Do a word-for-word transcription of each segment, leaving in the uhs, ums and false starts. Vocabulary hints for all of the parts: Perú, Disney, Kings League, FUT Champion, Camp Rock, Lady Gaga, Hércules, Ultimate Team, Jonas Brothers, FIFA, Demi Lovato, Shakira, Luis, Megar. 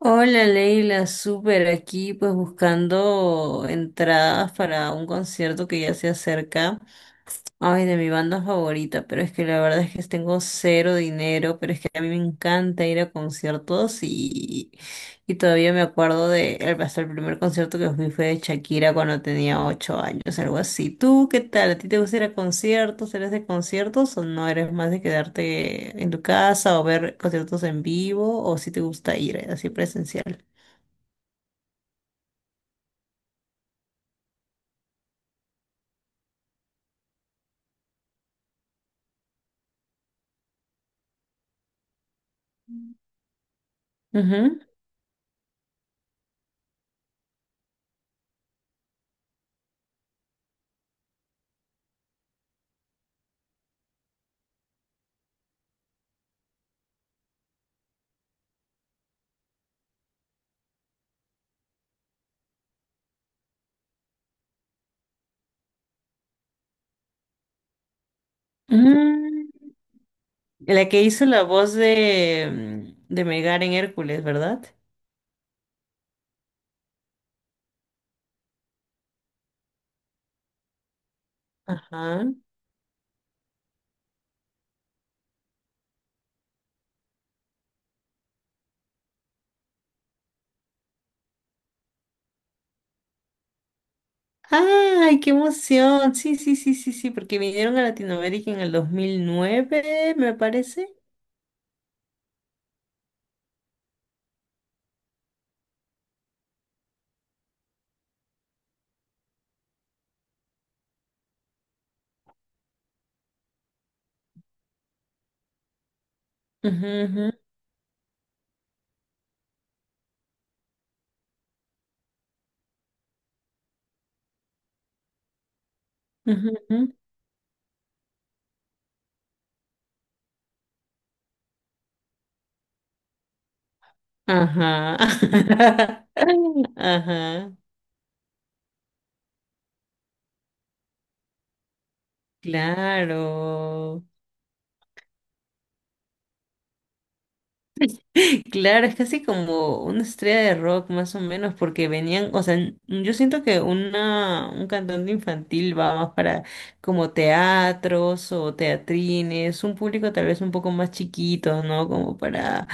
Hola Leila, súper aquí pues buscando entradas para un concierto que ya se acerca. Ay, de mi banda favorita, pero es que la verdad es que tengo cero dinero, pero es que a mí me encanta ir a conciertos y, y todavía me acuerdo de el, hasta el primer concierto que fui fue de Shakira cuando tenía ocho años, algo así. ¿Tú qué tal? ¿A ti te gusta ir a conciertos? ¿Eres de conciertos o no eres más de quedarte en tu casa o ver conciertos en vivo o si te gusta ir eh, así presencial? Ujú. Mm, La que hizo la voz de, mm, de Megar en Hércules, ¿verdad? Ajá. ¡Ay, qué emoción! Sí, sí, sí, sí, sí, porque vinieron a Latinoamérica en el dos mil nueve, me parece. Ujú, ujú, ujú, ujú. Ajá. Ajá. Claro. Claro, es casi como una estrella de rock más o menos, porque venían, o sea, n- yo siento que una, un cantante infantil va más para como teatros o teatrines, un público tal vez un poco más chiquito, ¿no? Como para,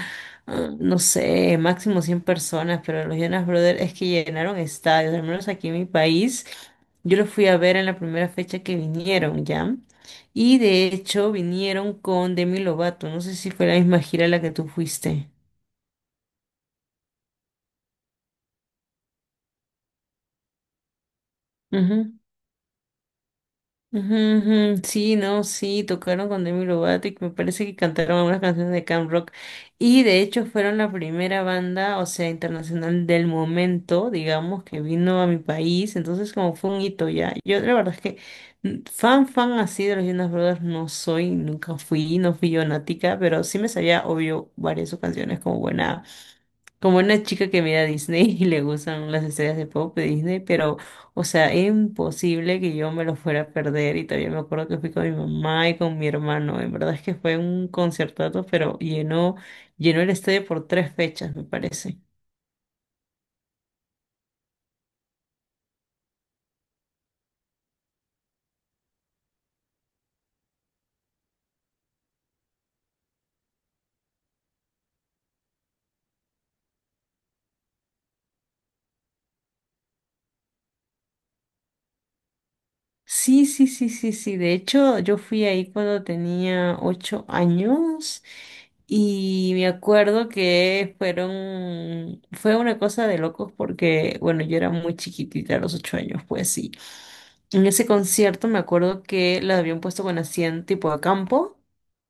ah, no sé, máximo cien personas, pero los Jonas Brothers es que llenaron estadios, al menos aquí en mi país, yo los fui a ver en la primera fecha que vinieron, ¿ya? Y de hecho vinieron con Demi Lovato. No sé si fue la misma gira a la que tú fuiste. Ujú, ujú, ujú. Sí, no, sí, tocaron con Demi Lovato y me parece que cantaron algunas canciones de Camp Rock. Y de hecho fueron la primera banda, o sea, internacional del momento, digamos, que vino a mi país. Entonces como fue un hito ya. Yo la verdad es que mm, fan, fan así de los Jonas Brothers no soy, nunca fui, no fui yo nática, pero sí me sabía, obvio, varias de sus canciones como buena. Como una chica que mira Disney y le gustan las estrellas de pop de Disney, pero, o sea, es imposible que yo me lo fuera a perder. Y todavía me acuerdo que fui con mi mamá y con mi hermano. En verdad es que fue un concertazo, pero llenó, llenó el estadio por tres fechas, me parece. Sí, sí, sí, sí, sí. De hecho, yo fui ahí cuando tenía ocho años y me acuerdo que fueron, fue una cosa de locos porque, bueno, yo era muy chiquitita a los ocho años, pues sí. En ese concierto me acuerdo que la habían puesto con asiento tipo a campo,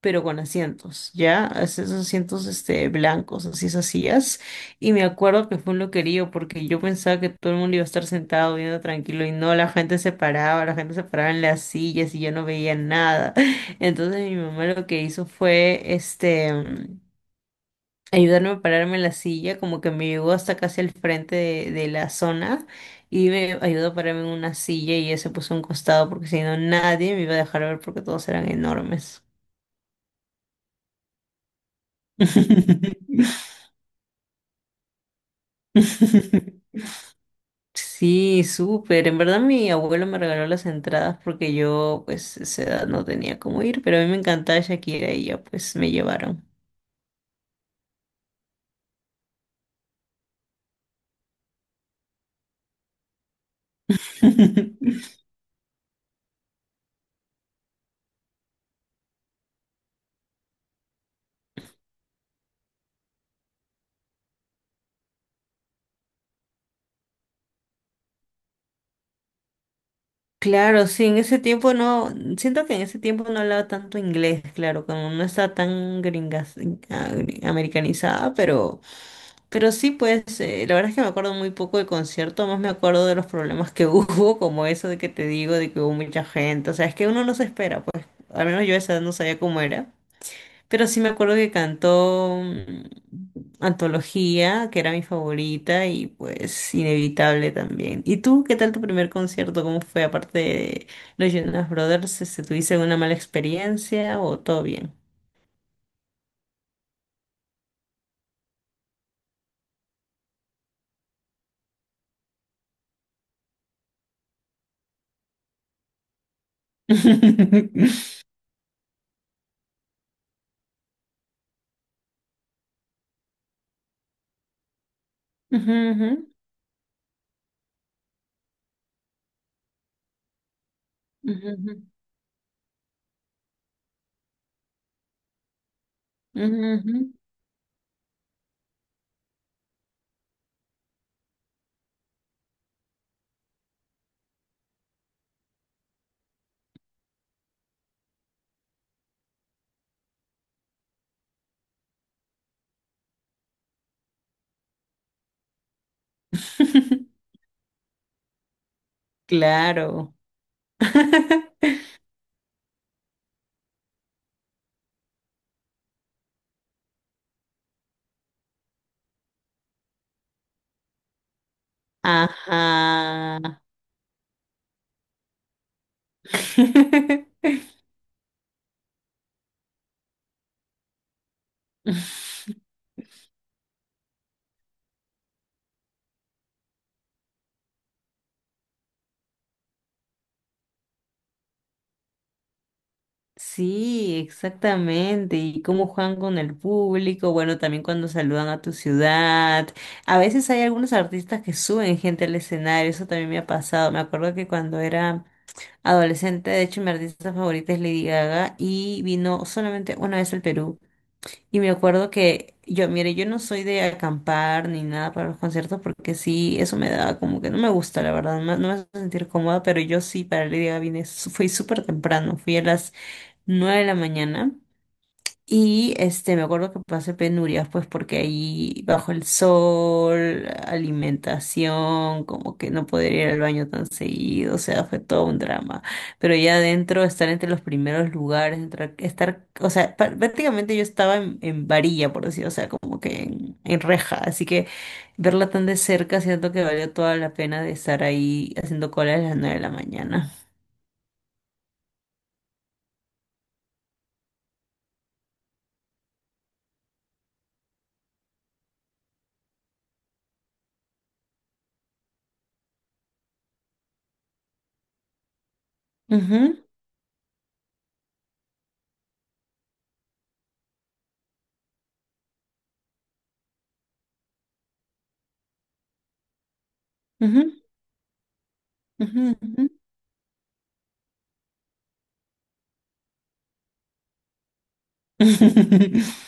pero con asientos, ¿ya? Es- Esos asientos este, blancos, así esas sillas. Y me acuerdo que fue un loquerío porque yo pensaba que todo el mundo iba a estar sentado viendo tranquilo y no, la gente se paraba, la gente se paraba en las sillas y yo no veía nada. Entonces mi mamá lo que hizo fue este ayudarme a pararme en la silla, como que me llegó hasta casi al frente de, de la zona y me ayudó a pararme en una silla y ella se puso a un costado porque si no nadie me iba a dejar ver porque todos eran enormes. Sí, súper. En verdad mi abuelo me regaló las entradas porque yo pues a esa edad no tenía cómo ir, pero a mí me encantaba Shakira y ya pues me llevaron. Claro, sí, en ese tiempo no, siento que en ese tiempo no hablaba tanto inglés, claro, como no estaba tan gringas, agri- americanizada, pero, pero sí, pues, eh, la verdad es que me acuerdo muy poco del concierto, más me acuerdo de los problemas que hubo, como eso de que te digo, de que hubo mucha gente, o sea, es que uno no se espera, pues, al menos yo a esa edad no sabía cómo era. Pero sí me acuerdo que cantó mm, Antología, que era mi favorita, y pues Inevitable también. ¿Y tú qué tal tu primer concierto? ¿Cómo fue? Aparte de los Jonas Brothers, este, ¿tuviste una mala experiencia o todo bien? Ujú, ujú, ujú, ujú, ujú. Claro. Ajá. Sí, exactamente. Y cómo juegan con el público, bueno, también cuando saludan a tu ciudad. A veces hay algunos artistas que suben gente al escenario, eso también me ha pasado. Me acuerdo que cuando era adolescente, de hecho, mi artista favorita es Lady Gaga y vino solamente una vez al Perú. Y me acuerdo que yo, mire, yo no soy de acampar ni nada para los conciertos porque sí, eso me da como que no me gusta, la verdad, no, me no me hace sentir cómoda, pero yo sí, para Lady Gaga vine, su- fui súper temprano, fui a las nueve de la mañana. Y este, me acuerdo que pasé penurias, pues porque ahí bajo el sol, alimentación, como que no poder ir al baño tan seguido, o sea, fue todo un drama. Pero ya adentro, estar entre los primeros lugares, entrar- estar, o sea, pa- prácticamente yo estaba en, en varilla, por decir, o sea, como que en, en reja. Así que verla tan de cerca, siento que valió toda la pena de estar ahí haciendo cola a las nueve de la mañana. Ujú, ujú, ujú, ujú.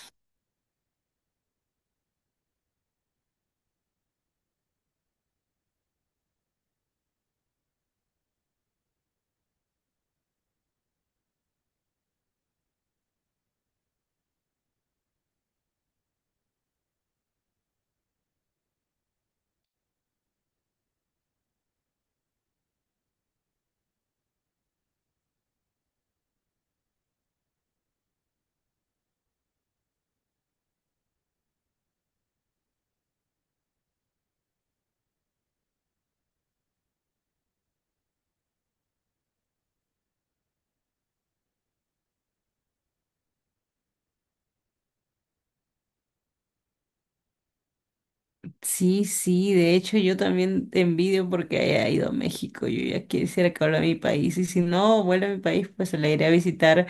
Sí, sí, de hecho yo también te envidio porque haya ido a México, yo ya quisiera que vuelva a mi país y si no vuelve a mi país pues la iré a visitar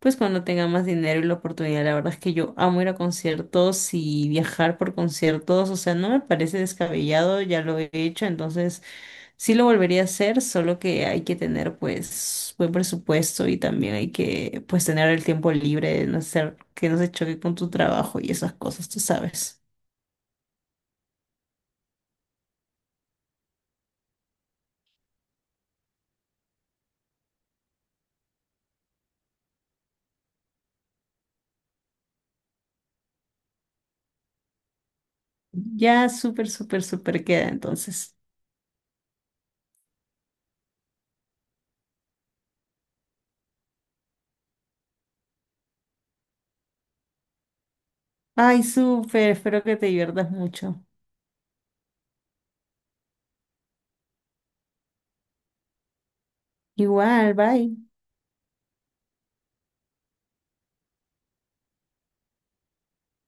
pues cuando tenga más dinero y la oportunidad, la verdad es que yo amo ir a conciertos y viajar por conciertos, o sea, no me parece descabellado, ya lo he hecho, entonces sí lo volvería a hacer, solo que hay que tener pues buen presupuesto y también hay que pues tener el tiempo libre de no hacer que no se choque con tu trabajo y esas cosas, tú sabes. Ya súper, súper, súper queda entonces. Ay, súper, espero que te diviertas mucho. Igual, bye.